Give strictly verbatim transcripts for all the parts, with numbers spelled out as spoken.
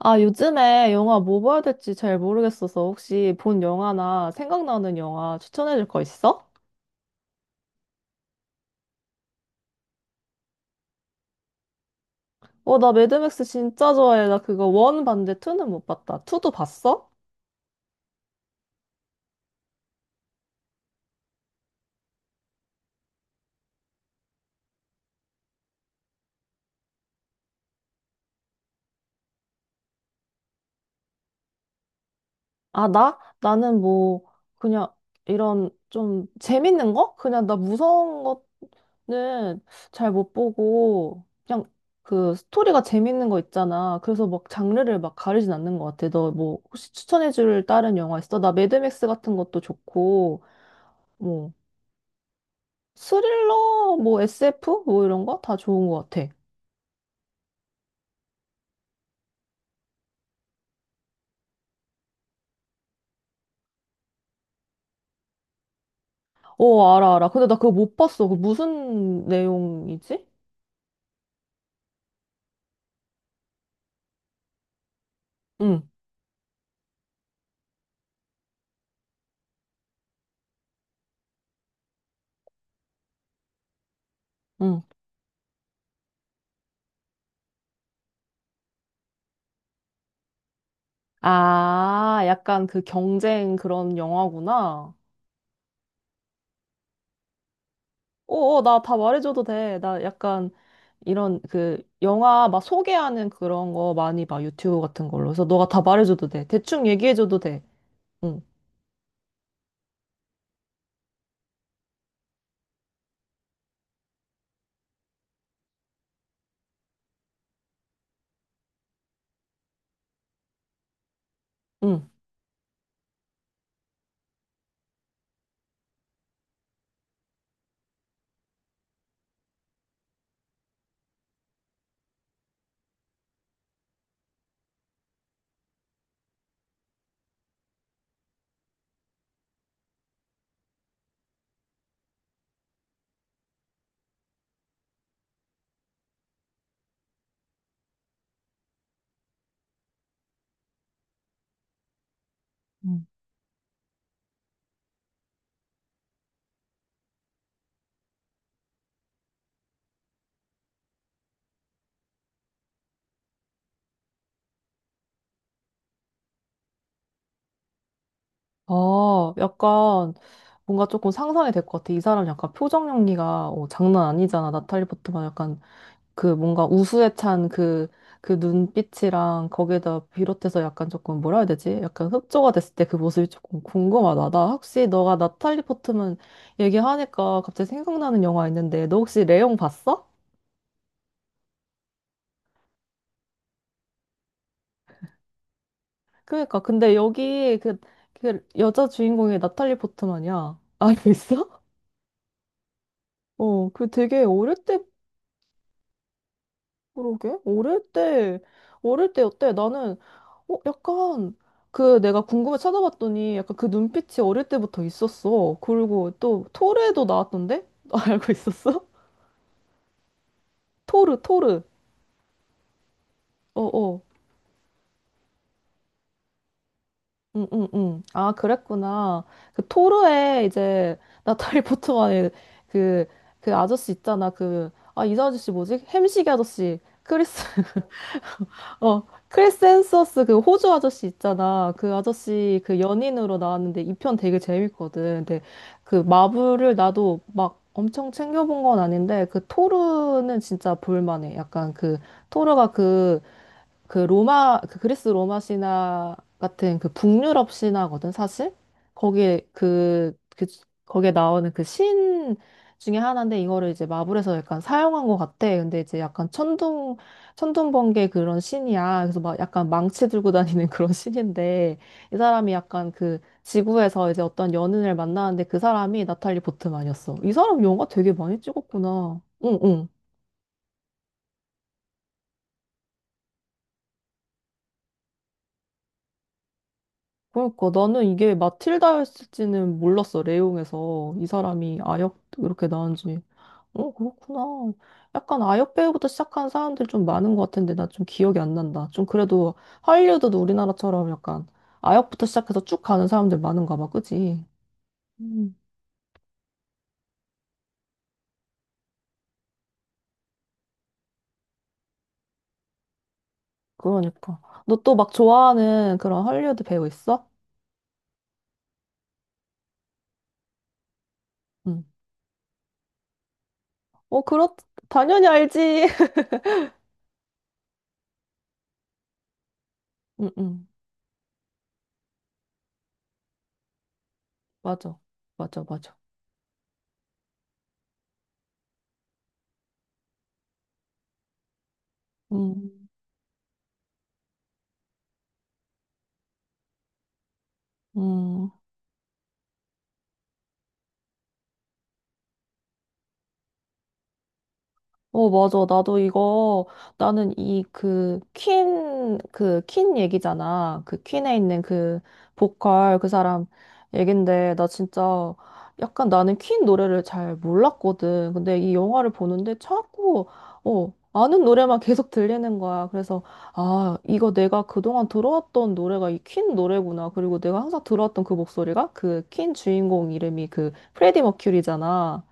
아, 요즘에 영화 뭐 봐야 될지 잘 모르겠어서 혹시 본 영화나 생각나는 영화 추천해 줄 거 있어? 어, 나 매드맥스 진짜 좋아해. 나 그거 원 봤는데 투는 못 봤다. 투도 봤어? 아, 나? 나는 뭐 그냥 이런 좀 재밌는 거? 그냥 나 무서운 거는 잘 못 보고 그냥 그 스토리가 재밌는 거 있잖아. 그래서 막 장르를 막 가리진 않는 것 같아. 너 뭐 혹시 추천해 줄 다른 영화 있어? 나 매드맥스 같은 것도 좋고 뭐 스릴러, 뭐 에스에프? 뭐 이런 거? 다 좋은 것 같아. 어, 알아, 알아. 근데 나 그거 못 봤어. 그 무슨 내용이지? 응, 응. 아, 약간 그 경쟁 그런 영화구나. 어, 어, 나 다 말해줘도 돼. 나 약간 이런 그 영화 막 소개하는 그런 거 많이 봐. 유튜브 같은 걸로. 그래서 너가 다 말해줘도 돼. 대충 얘기해줘도 돼. 응, 응. 아, 약간 뭔가 조금 상상이 될 것 같아. 이 사람 약간 표정 연기가 어, 장난 아니잖아. 나탈리 포트만 약간 그 뭔가 우수에 찬 그, 그 눈빛이랑 거기에다 비롯해서 약간 조금 뭐라 해야 되지? 약간 흑조가 됐을 때 그 모습이 조금 궁금하다. 나 혹시 너가 나탈리 포트만 얘기하니까 갑자기 생각나는 영화 있는데 너 혹시 레옹 봤어? 그러니까 근데 여기 그, 그 여자 주인공이 나탈리 포트만이야. 알고 있어? 어, 그 되게 어릴 때 그러게? 어릴 때, 어릴 때 어때? 나는, 어, 약간, 그 내가 궁금해 찾아봤더니 약간 그 눈빛이 어릴 때부터 있었어. 그리고 또 토르에도 나왔던데? 너 알고 있었어? 토르, 토르. 어, 어. 응, 응, 응. 아, 그랬구나. 그 토르에 이제 나탈리 포트만의 그, 그 아저씨 있잖아. 그, 아, 이 아저씨 뭐지? 햄식이 아저씨. 크리스 어, 크리스 햄스워스 그 호주 아저씨 있잖아. 그 아저씨 그 연인으로 나왔는데 이 편 되게 재밌거든. 근데 그 마블을 나도 막 엄청 챙겨본 건 아닌데 그 토르는 진짜 볼만해. 약간 그 토르가 그 그 로마, 그 그리스 로마 신화 같은 그 북유럽 신화거든, 사실? 거기에 그, 그, 거기에 나오는 그 신 중에 하나인데, 이거를 이제 마블에서 약간 사용한 것 같아. 근데 이제 약간 천둥, 천둥번개 그런 신이야. 그래서 막 약간 망치 들고 다니는 그런 신인데, 이 사람이 약간 그 지구에서 이제 어떤 연인을 만나는데 그 사람이 나탈리 보트만이었어. 이 사람 영화 되게 많이 찍었구나. 응, 응. 그러니까 나는 이게 마틸다였을지는 몰랐어, 레옹에서. 이 사람이 아역 이렇게 나은지. 어, 그렇구나. 약간 아역 배우부터 시작한 사람들 좀 많은 것 같은데 나 좀 기억이 안 난다. 좀 그래도 할리우드도 우리나라처럼 약간 아역부터 시작해서 쭉 가는 사람들 많은가 봐, 그지? 음, 그러니까. 너 또 막 좋아하는 그런 할리우드 배우 있어? 응. 어, 그렇, 당연히 알지. 응, 응. 맞아. 맞아, 맞아. 음, 음. 어, 맞아. 나도 이거, 나는 이 그, 퀸, 그, 퀸 얘기잖아. 그 퀸에 있는 그 보컬 그 사람 얘긴데, 나 진짜 약간 나는 퀸 노래를 잘 몰랐거든. 근데 이 영화를 보는데 자꾸, 어, 아는 노래만 계속 들리는 거야. 그래서, 아, 이거 내가 그동안 들어왔던 노래가 이 퀸 노래구나. 그리고 내가 항상 들어왔던 그 목소리가 그 퀸 주인공 이름이 그 프레디 머큐리잖아.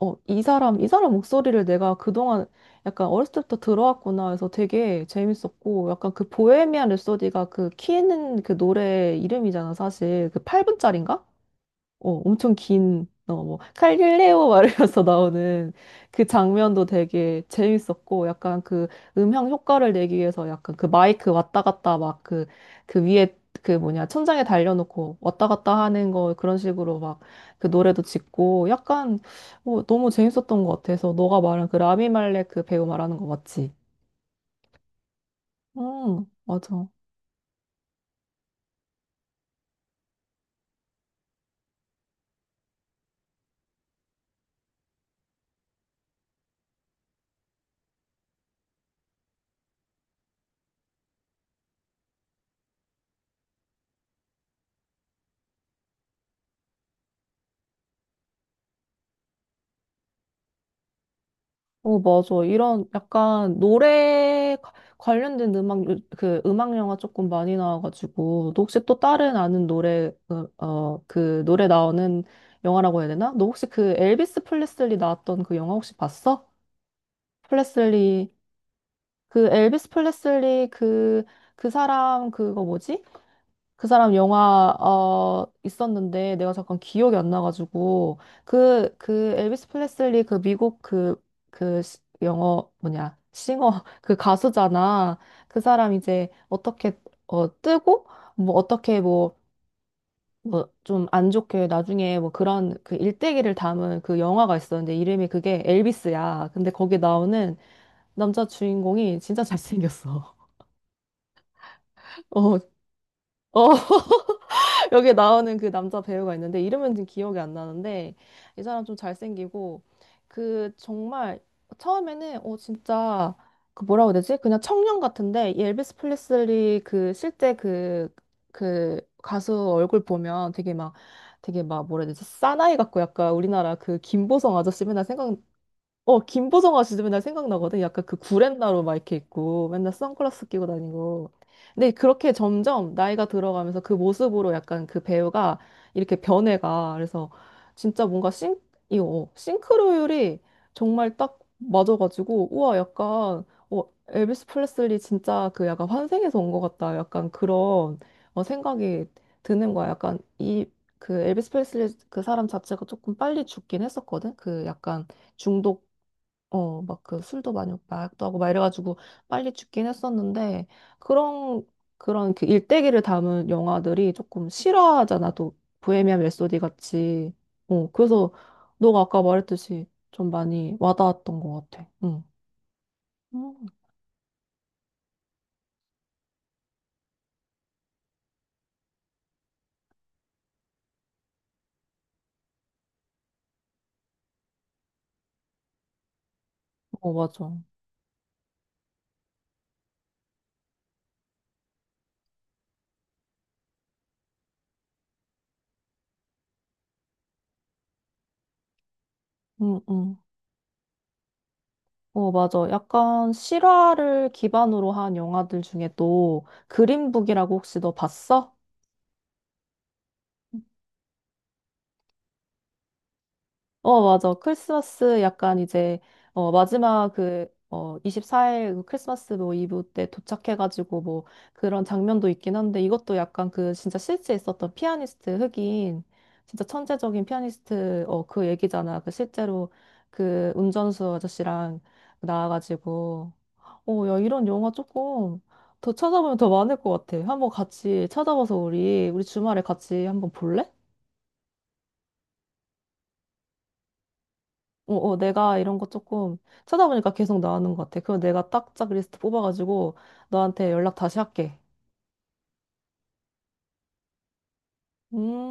어, 이 사람, 이 사람 목소리를 내가 그동안 약간 어렸을 때부터 들어왔구나 해서 되게 재밌었고, 약간 그 보헤미안 랩소디가 그 키 있는 그 노래 이름이잖아, 사실. 그 팔 분짜리인가? 어, 엄청 긴, 어, 뭐, 갈릴레오 말이어서 나오는 그 장면도 되게 재밌었고, 약간 그 음향 효과를 내기 위해서 약간 그 마이크 왔다 갔다 막 그, 그 위에 그 뭐냐, 천장에 달려놓고 왔다 갔다 하는 거 그런 식으로 막 그 노래도 짓고, 약간 어, 너무 재밌었던 것 같아서, 너가 말한 그 라미 말렉 그 배우 말하는 거 맞지? 응, 맞아. 어, 맞아. 이런 약간 노래 가- 관련된 음악, 요- 그 음악 영화 조금 많이 나와가지고, 너 혹시 또 다른 아는 노래, 어, 어, 그 노래 나오는 영화라고 해야 되나? 너 혹시 그 엘비스 프레슬리 나왔던 그 영화 혹시 봤어? 플레슬리 그 엘비스 플레슬리 그, 그 사람 그거 뭐지? 그 사람 영화 어 있었는데 내가 잠깐 기억이 안 나가지고 그 그 엘비스 프레슬리 그 미국 그 그 영어 뭐냐 싱어 그 가수잖아. 그 사람 이제 어떻게 어 뜨고 뭐 어떻게 뭐 뭐 좀 안 좋게 나중에 뭐 그런 그 일대기를 담은 그 영화가 있었는데 이름이 그게 엘비스야. 근데 거기 나오는 남자 주인공이 진짜 잘생겼어. 어어 여기 나오는 그 남자 배우가 있는데 이름은 지금 기억이 안 나는데 이 사람 좀 잘생기고 그 정말 처음에는 어 진짜 그 뭐라고 해야 되지? 그냥 청년 같은데 이 엘비스 프레슬리 그 실제 그 그 가수 얼굴 보면 되게 막 되게 막 뭐라 해야 되지? 싸나이 같고 약간 우리나라 그 김보성 아저씨 맨날 생각 어, 김보성 아저씨도 맨날 생각나거든. 약간 그 구렛나루 막 이렇게 있고, 맨날 선글라스 끼고 다니고. 근데 그렇게 점점 나이가 들어가면서 그 모습으로 약간 그 배우가 이렇게 변해가. 그래서 진짜 뭔가 싱, 이, 어, 싱크로율이 정말 딱 맞아가지고, 우와, 약간, 어, 엘비스 프레슬리 진짜 그 약간 환생해서 온 것 같다. 약간 그런 어, 생각이 드는 거야. 약간 이, 그 엘비스 프레슬리 그 사람 자체가 조금 빨리 죽긴 했었거든. 그 약간 중독 어, 막 그 술도 많이 먹고 마약도 하고 막 이래가지고 빨리 죽긴 했었는데 그런 그런 그 일대기를 담은 영화들이 조금 실화잖아 또 보헤미안 랩소디 같이 어 그래서 너가 아까 말했듯이 좀 많이 와닿았던 것 같아. 응. 음. 어 맞아. 응, 응. 어 맞아 약간 실화를 기반으로 한 영화들 중에 또 그린북이라고 혹시 너 봤어? 어, 맞아. 크리스마스 약간 이제, 어, 마지막 그, 어, 이십사 일 크리스마스 뭐 이브 때 도착해가지고 뭐 그런 장면도 있긴 한데 이것도 약간 그 진짜 실제 있었던 피아니스트 흑인, 진짜 천재적인 피아니스트, 어, 그 얘기잖아. 그 실제로 그 운전수 아저씨랑 나와가지고. 어, 야, 이런 영화 조금 더 찾아보면 더 많을 것 같아. 한번 같이 찾아봐서 우리, 우리 주말에 같이 한번 볼래? 어, 어, 내가 이런 거 조금 찾아보니까 계속 나오는 것 같아. 그럼 내가 딱짝 리스트 뽑아가지고 너한테 연락 다시 할게. 음.